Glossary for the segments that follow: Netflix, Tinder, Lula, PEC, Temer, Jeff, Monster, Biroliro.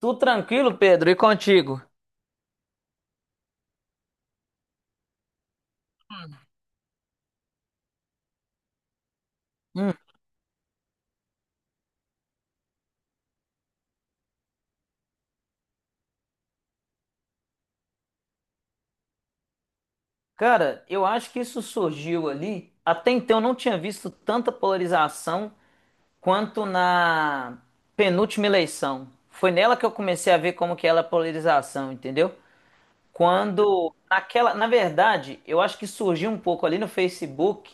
Tudo tranquilo, Pedro? E contigo? Hum. Cara, eu acho que isso surgiu ali. Até então eu não tinha visto tanta polarização quanto na penúltima eleição. Foi nela que eu comecei a ver como que era a polarização, entendeu? Quando naquela, na verdade, eu acho que surgiu um pouco ali no Facebook,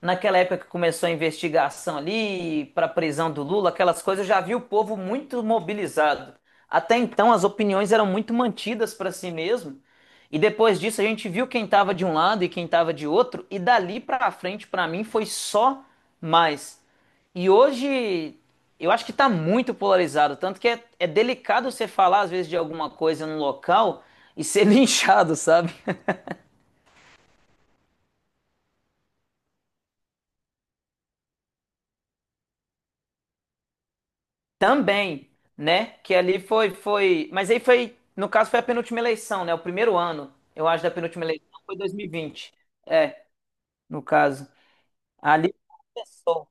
naquela época que começou a investigação ali para a prisão do Lula, aquelas coisas, eu já vi o povo muito mobilizado. Até então as opiniões eram muito mantidas para si mesmo. E depois disso a gente viu quem estava de um lado e quem estava de outro, e dali pra frente para mim foi só mais. E hoje eu acho que está muito polarizado, tanto que é delicado você falar às vezes de alguma coisa num local e ser linchado, sabe? Também, né? Que ali foi, foi. Mas aí foi, no caso, foi a penúltima eleição, né? O primeiro ano, eu acho, da penúltima eleição foi 2020. É, no caso. Ali começou.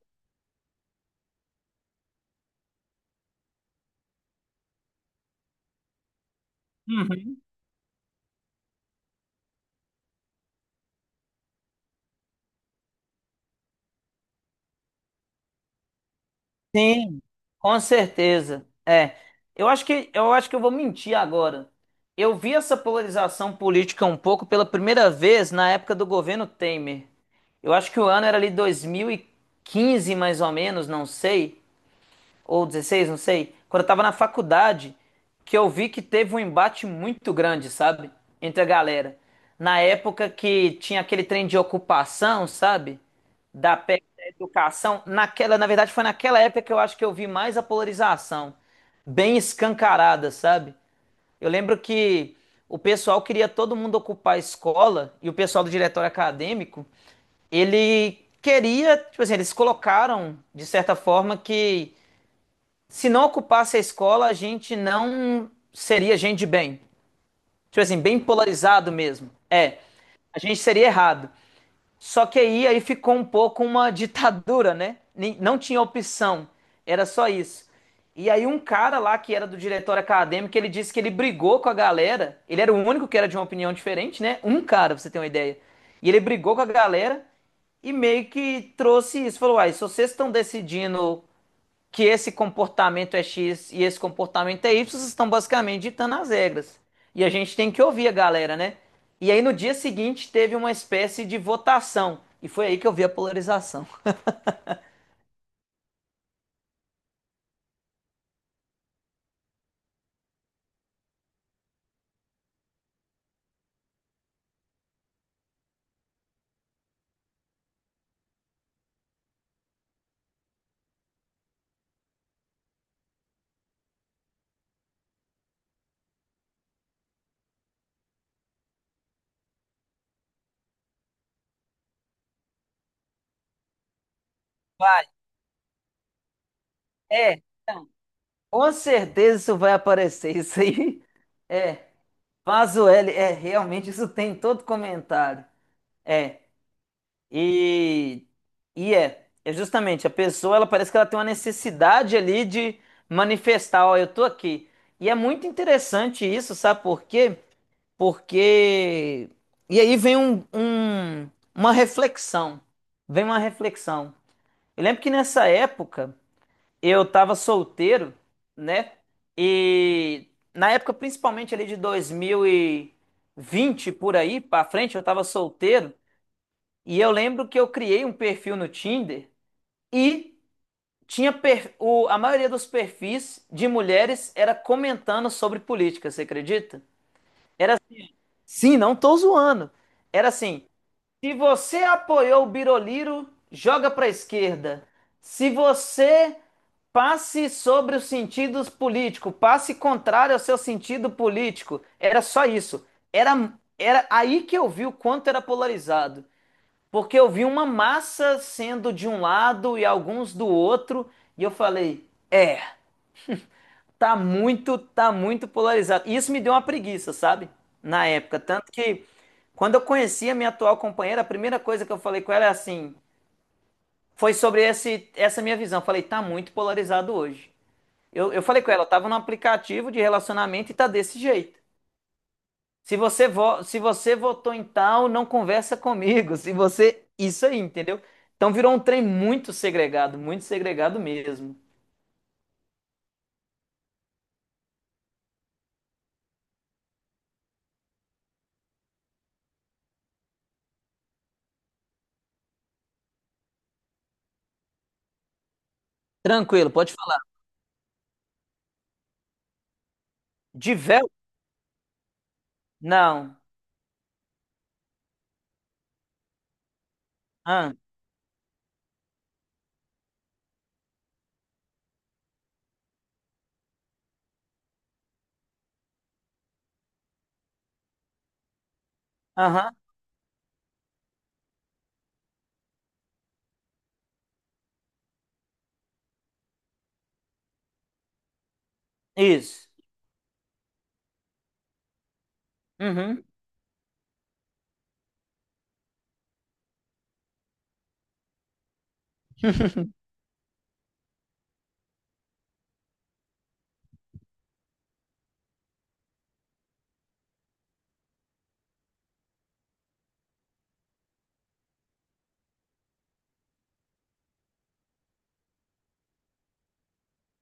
Sim, com certeza. É, eu acho que eu vou mentir agora. Eu vi essa polarização política um pouco pela primeira vez na época do governo Temer. Eu acho que o ano era ali 2015 mais ou menos, não sei, ou 2016, não sei, quando eu tava na faculdade, que eu vi que teve um embate muito grande, sabe? Entre a galera. Na época que tinha aquele trem de ocupação, sabe? Da PEC da educação. Naquela, na verdade, foi naquela época que eu acho que eu vi mais a polarização. Bem escancarada, sabe? Eu lembro que o pessoal queria todo mundo ocupar a escola e o pessoal do diretório acadêmico, ele queria, tipo assim, eles colocaram, de certa forma, que se não ocupasse a escola, a gente não seria gente de bem. Tipo assim, bem polarizado mesmo. É, a gente seria errado. Só que aí ficou um pouco uma ditadura, né? Não tinha opção, era só isso. E aí um cara lá que era do diretório acadêmico, ele disse que ele brigou com a galera. Ele era o único que era de uma opinião diferente, né? Um cara, pra você ter uma ideia. E ele brigou com a galera e meio que trouxe isso. Falou, uai, se vocês estão decidindo que esse comportamento é X e esse comportamento é Y, vocês estão basicamente ditando as regras. E a gente tem que ouvir a galera, né? E aí no dia seguinte teve uma espécie de votação. E foi aí que eu vi a polarização. Vai, é. Então, com certeza isso vai aparecer. Isso aí é. Vaso L, é, realmente isso tem em todo comentário. É. E, e é justamente a pessoa, ela parece que ela tem uma necessidade ali de manifestar, ó, eu tô aqui. E é muito interessante isso, sabe por quê? Porque e aí vem uma reflexão. Eu lembro que nessa época eu tava solteiro, né? E na época principalmente ali de 2020 por aí pra frente, eu tava solteiro. E eu lembro que eu criei um perfil no Tinder e a maioria dos perfis de mulheres era comentando sobre política, você acredita? Era sim, não tô zoando. Era assim: se você apoiou o Biroliro, joga pra esquerda. Se você passe sobre os sentidos políticos, passe contrário ao seu sentido político. Era só isso. Era, era aí que eu vi o quanto era polarizado. Porque eu vi uma massa sendo de um lado e alguns do outro, e eu falei, é, tá muito polarizado. E isso me deu uma preguiça, sabe? Na época. Tanto que quando eu conheci a minha atual companheira, a primeira coisa que eu falei com ela é assim, foi sobre essa minha visão. Eu falei, tá muito polarizado hoje. Eu falei com ela, eu tava num aplicativo de relacionamento e tá desse jeito. Se você votou em tal, não conversa comigo. Se você. Isso aí, entendeu? Então virou um trem muito segregado mesmo. Tranquilo, pode falar. De véu? Não. Ah. Aham. Isso. Uhum.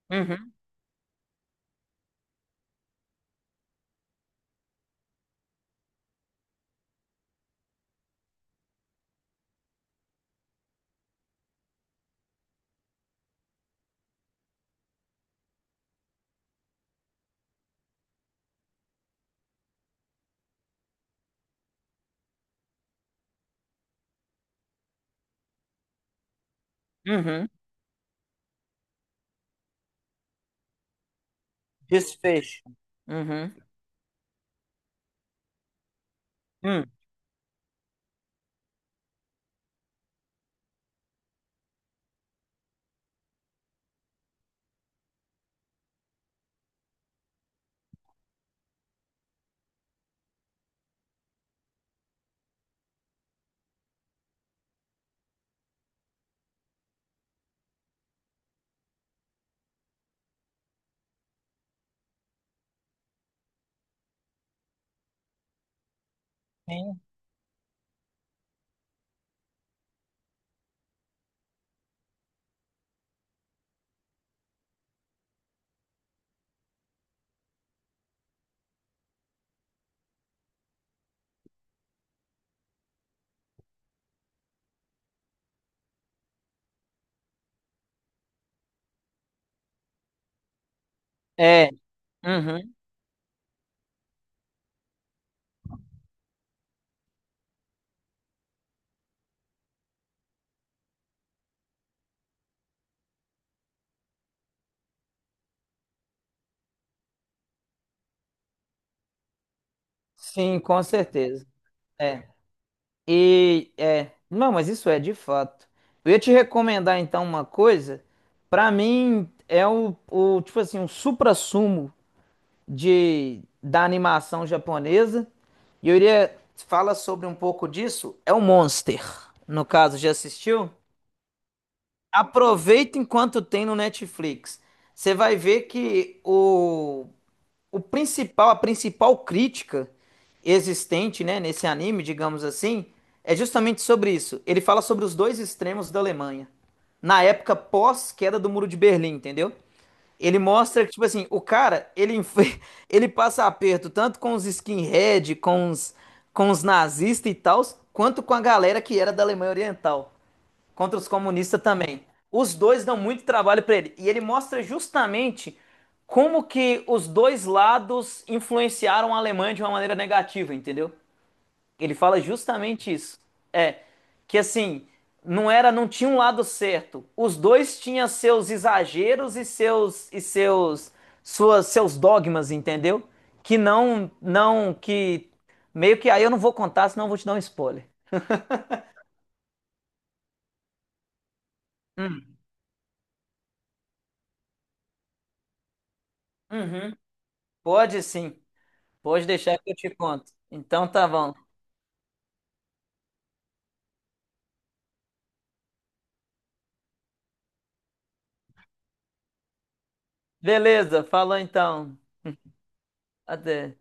Uhum. Uhum. Desfecho. Uhum. Hum. É. Uhum. Sim, com certeza. É. E é, não, mas isso é de fato. Eu ia te recomendar então uma coisa. Pra mim é o tipo assim, um suprassumo de da animação japonesa. E eu iria fala sobre um pouco disso, é o Monster. No caso, já assistiu? Aproveita enquanto tem no Netflix. Você vai ver que a principal crítica existente, né, nesse anime, digamos assim, é justamente sobre isso. Ele fala sobre os dois extremos da Alemanha, na época pós-queda do Muro de Berlim, entendeu? Ele mostra que, tipo assim, o cara, ele, ele passa aperto tanto com os skinhead, com os nazistas e tals, quanto com a galera que era da Alemanha Oriental. Contra os comunistas também. Os dois dão muito trabalho para ele. E ele mostra justamente como que os dois lados influenciaram a Alemanha de uma maneira negativa, entendeu? Ele fala justamente isso. É, que assim, não tinha um lado certo. Os dois tinham seus exageros e seus dogmas, entendeu? Que não não que meio que aí eu não vou contar, senão eu vou te dar um spoiler. Hum, uhum, pode sim. Pode deixar que eu te conto. Então tá bom. Beleza, falou então. Até.